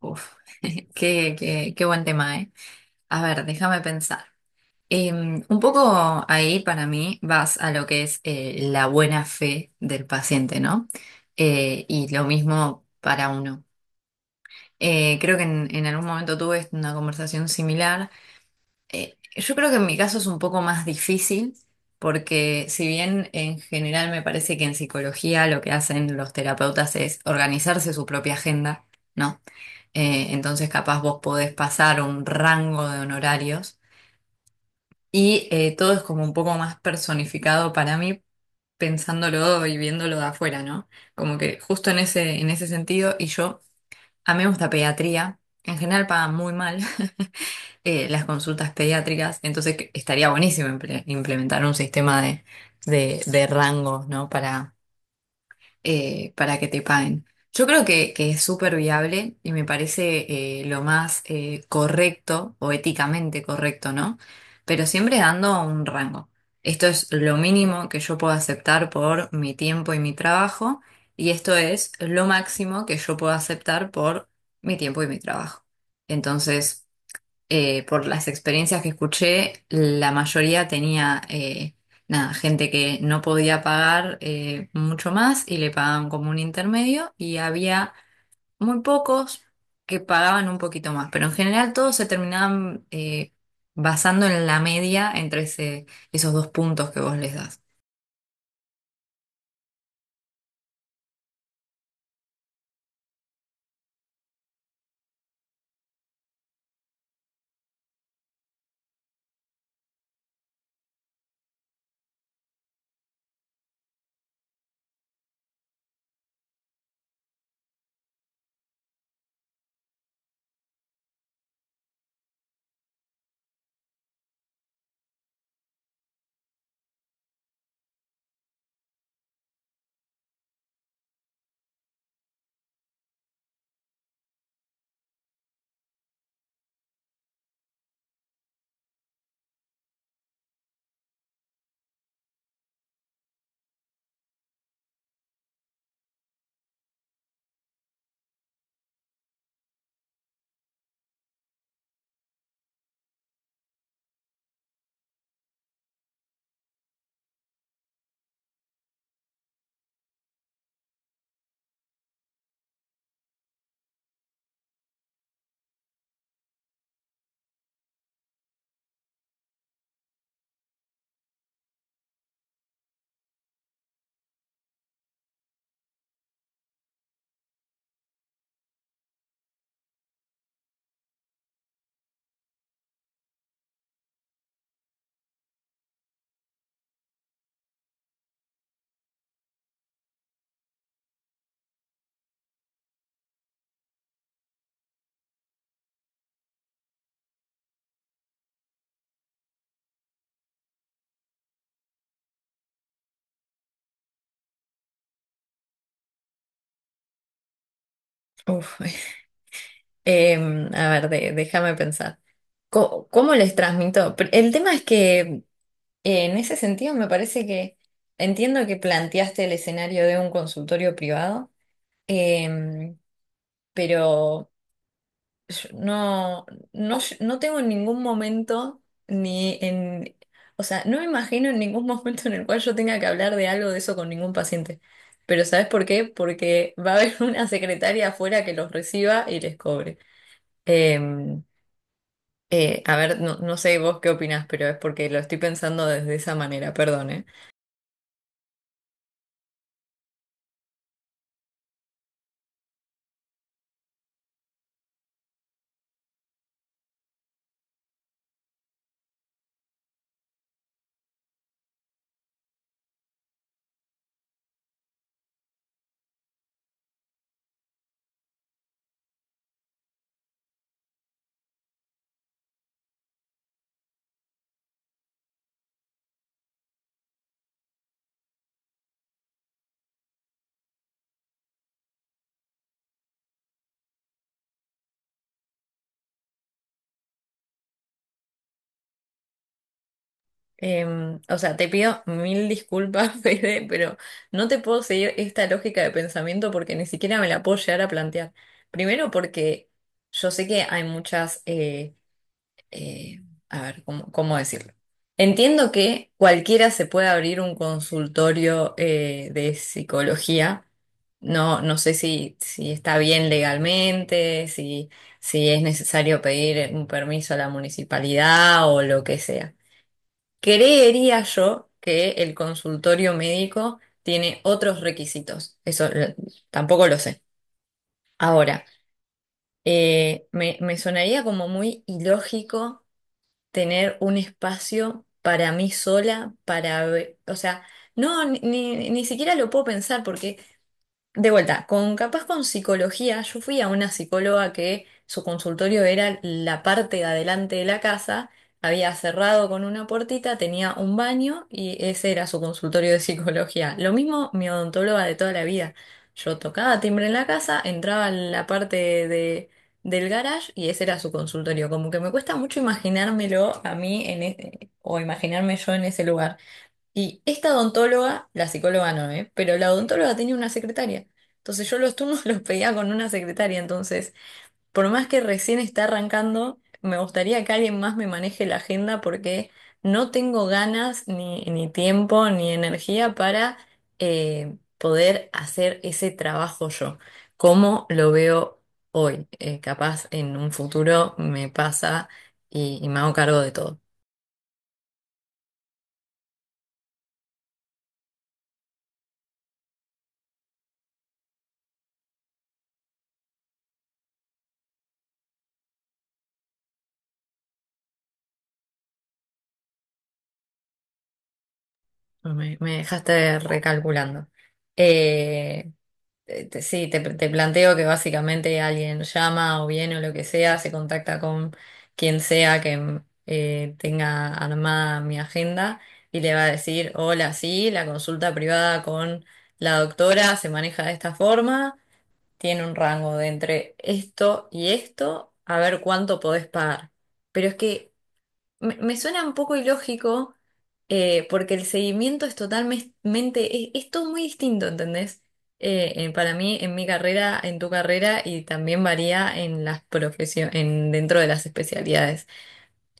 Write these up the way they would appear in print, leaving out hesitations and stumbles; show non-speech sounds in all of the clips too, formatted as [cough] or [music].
Uf, [laughs] qué buen tema, ¿eh? A ver, déjame pensar. Un poco ahí para mí vas a lo que es la buena fe del paciente, ¿no? Y lo mismo para uno. Creo que en algún momento tuve una conversación similar. Yo creo que en mi caso es un poco más difícil porque si bien en general me parece que en psicología lo que hacen los terapeutas es organizarse su propia agenda, ¿no? Entonces capaz vos podés pasar un rango de honorarios y todo es como un poco más personificado para mí pensándolo y viéndolo de afuera, ¿no? Como que justo en ese sentido y yo, a mí me gusta pediatría, en general pagan muy mal, [laughs] las consultas pediátricas, entonces estaría buenísimo implementar un sistema de rangos, ¿no?, para que te paguen. Yo creo que es súper viable y me parece lo más correcto o éticamente correcto, ¿no? Pero siempre dando un rango. Esto es lo mínimo que yo puedo aceptar por mi tiempo y mi trabajo y esto es lo máximo que yo puedo aceptar por mi tiempo y mi trabajo. Entonces por las experiencias que escuché, la mayoría tenía nada, gente que no podía pagar mucho más y le pagaban como un intermedio y había muy pocos que pagaban un poquito más, pero en general todos se terminaban basando en la media entre esos dos puntos que vos les das. Uf, [laughs] a ver, déjame pensar. ¿Cómo les transmito? El tema es que en ese sentido, me parece que entiendo que planteaste el escenario de un consultorio privado, em, pero yo no tengo en ningún momento ni en, o sea, no me imagino en ningún [laughs] momento en el cual yo tenga que hablar de algo de eso con ningún paciente. Pero ¿sabes por qué? Porque va a haber [laughs] una secretaria afuera que los reciba y les cobre. Em, a ver, no, no sé vos qué opinás, pero es porque lo estoy pensando desde esa manera, perdón, ¿eh? O sea, te pido mil disculpas, [laughs] Fede, pero no te puedo seguir esta lógica de pensamiento porque ni siquiera me la puedo llegar a plantear. Primero porque yo sé que hay muchas, eh, a ver, ¿cómo, cómo decirlo? Entiendo que cualquiera se puede abrir un consultorio de psicología. No, no sé si está bien legalmente, si, si es necesario pedir un permiso a la municipalidad o lo que sea. Creería yo que el consultorio médico tiene otros requisitos. Eso tampoco lo sé. Ahora, me sonaría como muy ilógico tener un espacio para mí sola, para o sea, no, ni siquiera lo puedo pensar porque de vuelta, con capaz con psicología, yo fui a una psicóloga que su consultorio era la parte de adelante de la casa, había cerrado con una puertita, tenía un baño y ese era su consultorio de psicología. Lo mismo mi odontóloga de toda la vida. Yo tocaba timbre en la casa, entraba en la parte de, del garage y ese era su consultorio. Como que me cuesta mucho imaginármelo a mí en o imaginarme yo en ese lugar. Y esta odontóloga, la psicóloga no, ¿eh? Pero la odontóloga tenía una secretaria. Entonces yo los turnos [laughs] los pedía con una secretaria. Entonces, por más que recién está arrancando, me gustaría que alguien más me maneje la agenda porque no tengo ganas, ni tiempo, ni energía para poder hacer ese trabajo yo, como lo veo hoy. Capaz en un futuro me pasa y me hago cargo de todo. Pues me dejaste recalculando. Eh, sí, te planteo que básicamente alguien llama o viene o lo que sea, se contacta con quien sea que tenga armada mi agenda y le va a decir, hola, sí, la consulta privada con la doctora se maneja de esta forma, tiene un rango de entre esto y esto, a ver cuánto podés pagar. Pero es que me suena un poco ilógico porque el seguimiento es totalmente, es todo muy distinto, ¿entendés? Para mí, en mi carrera, en tu carrera y también varía en las profesiones, en, dentro de las especialidades.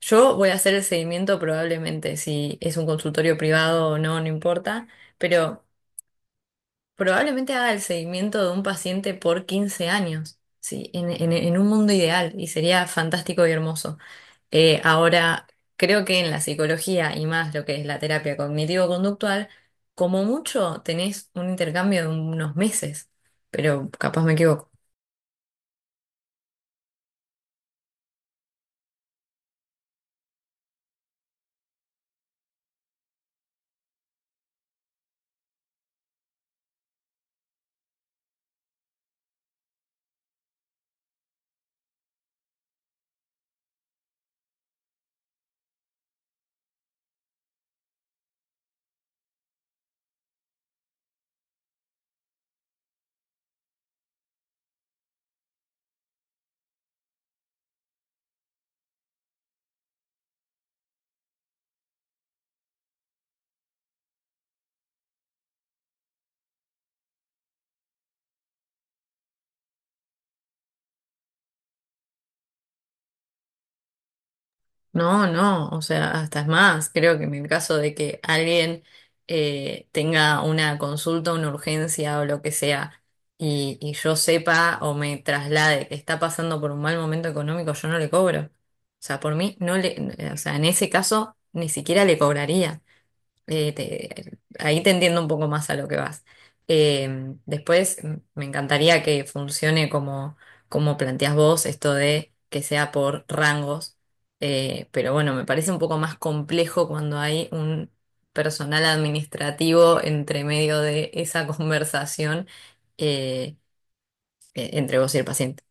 Yo voy a hacer el seguimiento probablemente, si es un consultorio privado o no, no importa, pero probablemente haga el seguimiento de un paciente por 15 años, sí, en, en un mundo ideal y sería fantástico y hermoso. Ahora, creo que en la psicología y más lo que es la terapia cognitivo-conductual, como mucho tenés un intercambio de unos meses, pero capaz me equivoco. No, no, o sea, hasta es más, creo que en el caso de que alguien tenga una consulta, una urgencia o lo que sea, y yo sepa o me traslade que está pasando por un mal momento económico, yo no le cobro. O sea, por mí, no le, o sea, en ese caso, ni siquiera le cobraría. Ahí te entiendo un poco más a lo que vas. Después me encantaría que funcione como, como planteas vos, esto de que sea por rangos. Pero bueno, me parece un poco más complejo cuando hay un personal administrativo entre medio de esa [laughs] conversación eh, entre vos y el paciente.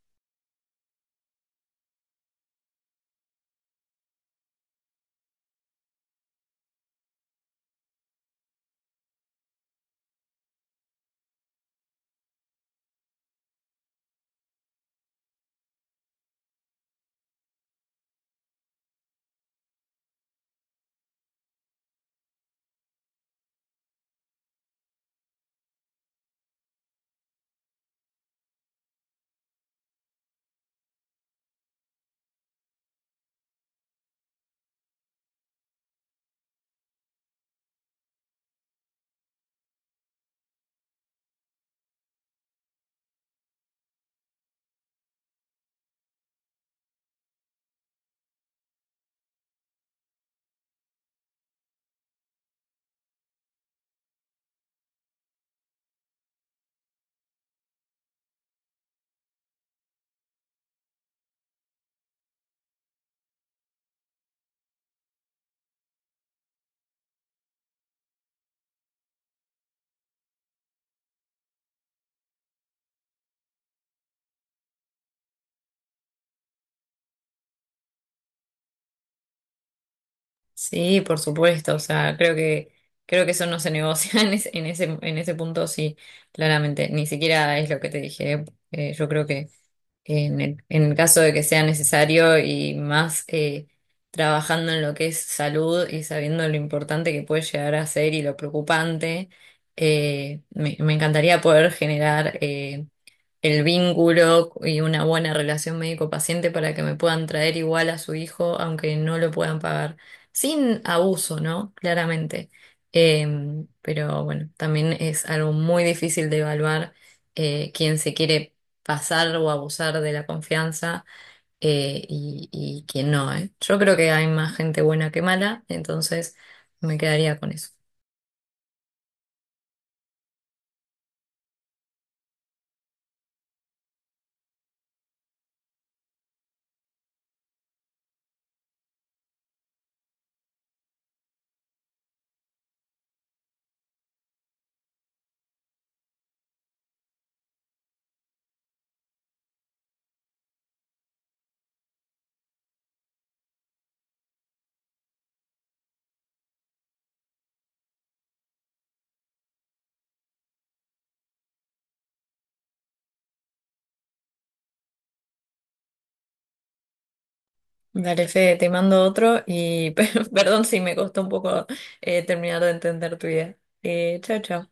Sí, por supuesto, o sea, creo que eso no se negocia [laughs] en ese punto, sí, claramente, ni siquiera es lo que te dije, yo creo que en en el caso de que sea necesario y más trabajando en lo que es salud y sabiendo lo importante que puede llegar a ser y lo preocupante, me encantaría poder generar el vínculo y una buena relación médico-paciente para que me puedan traer igual a su hijo, aunque no lo puedan pagar, sin abuso, ¿no? Claramente. Pero bueno, también es algo muy difícil de evaluar quién se quiere pasar o abusar de la confianza y quién no, ¿eh? Yo creo que hay más gente buena que mala, entonces me quedaría con eso. Dale, Fede, te mando otro y, [laughs] perdón si me costó un poco terminar de entender tu idea. Chao, chao.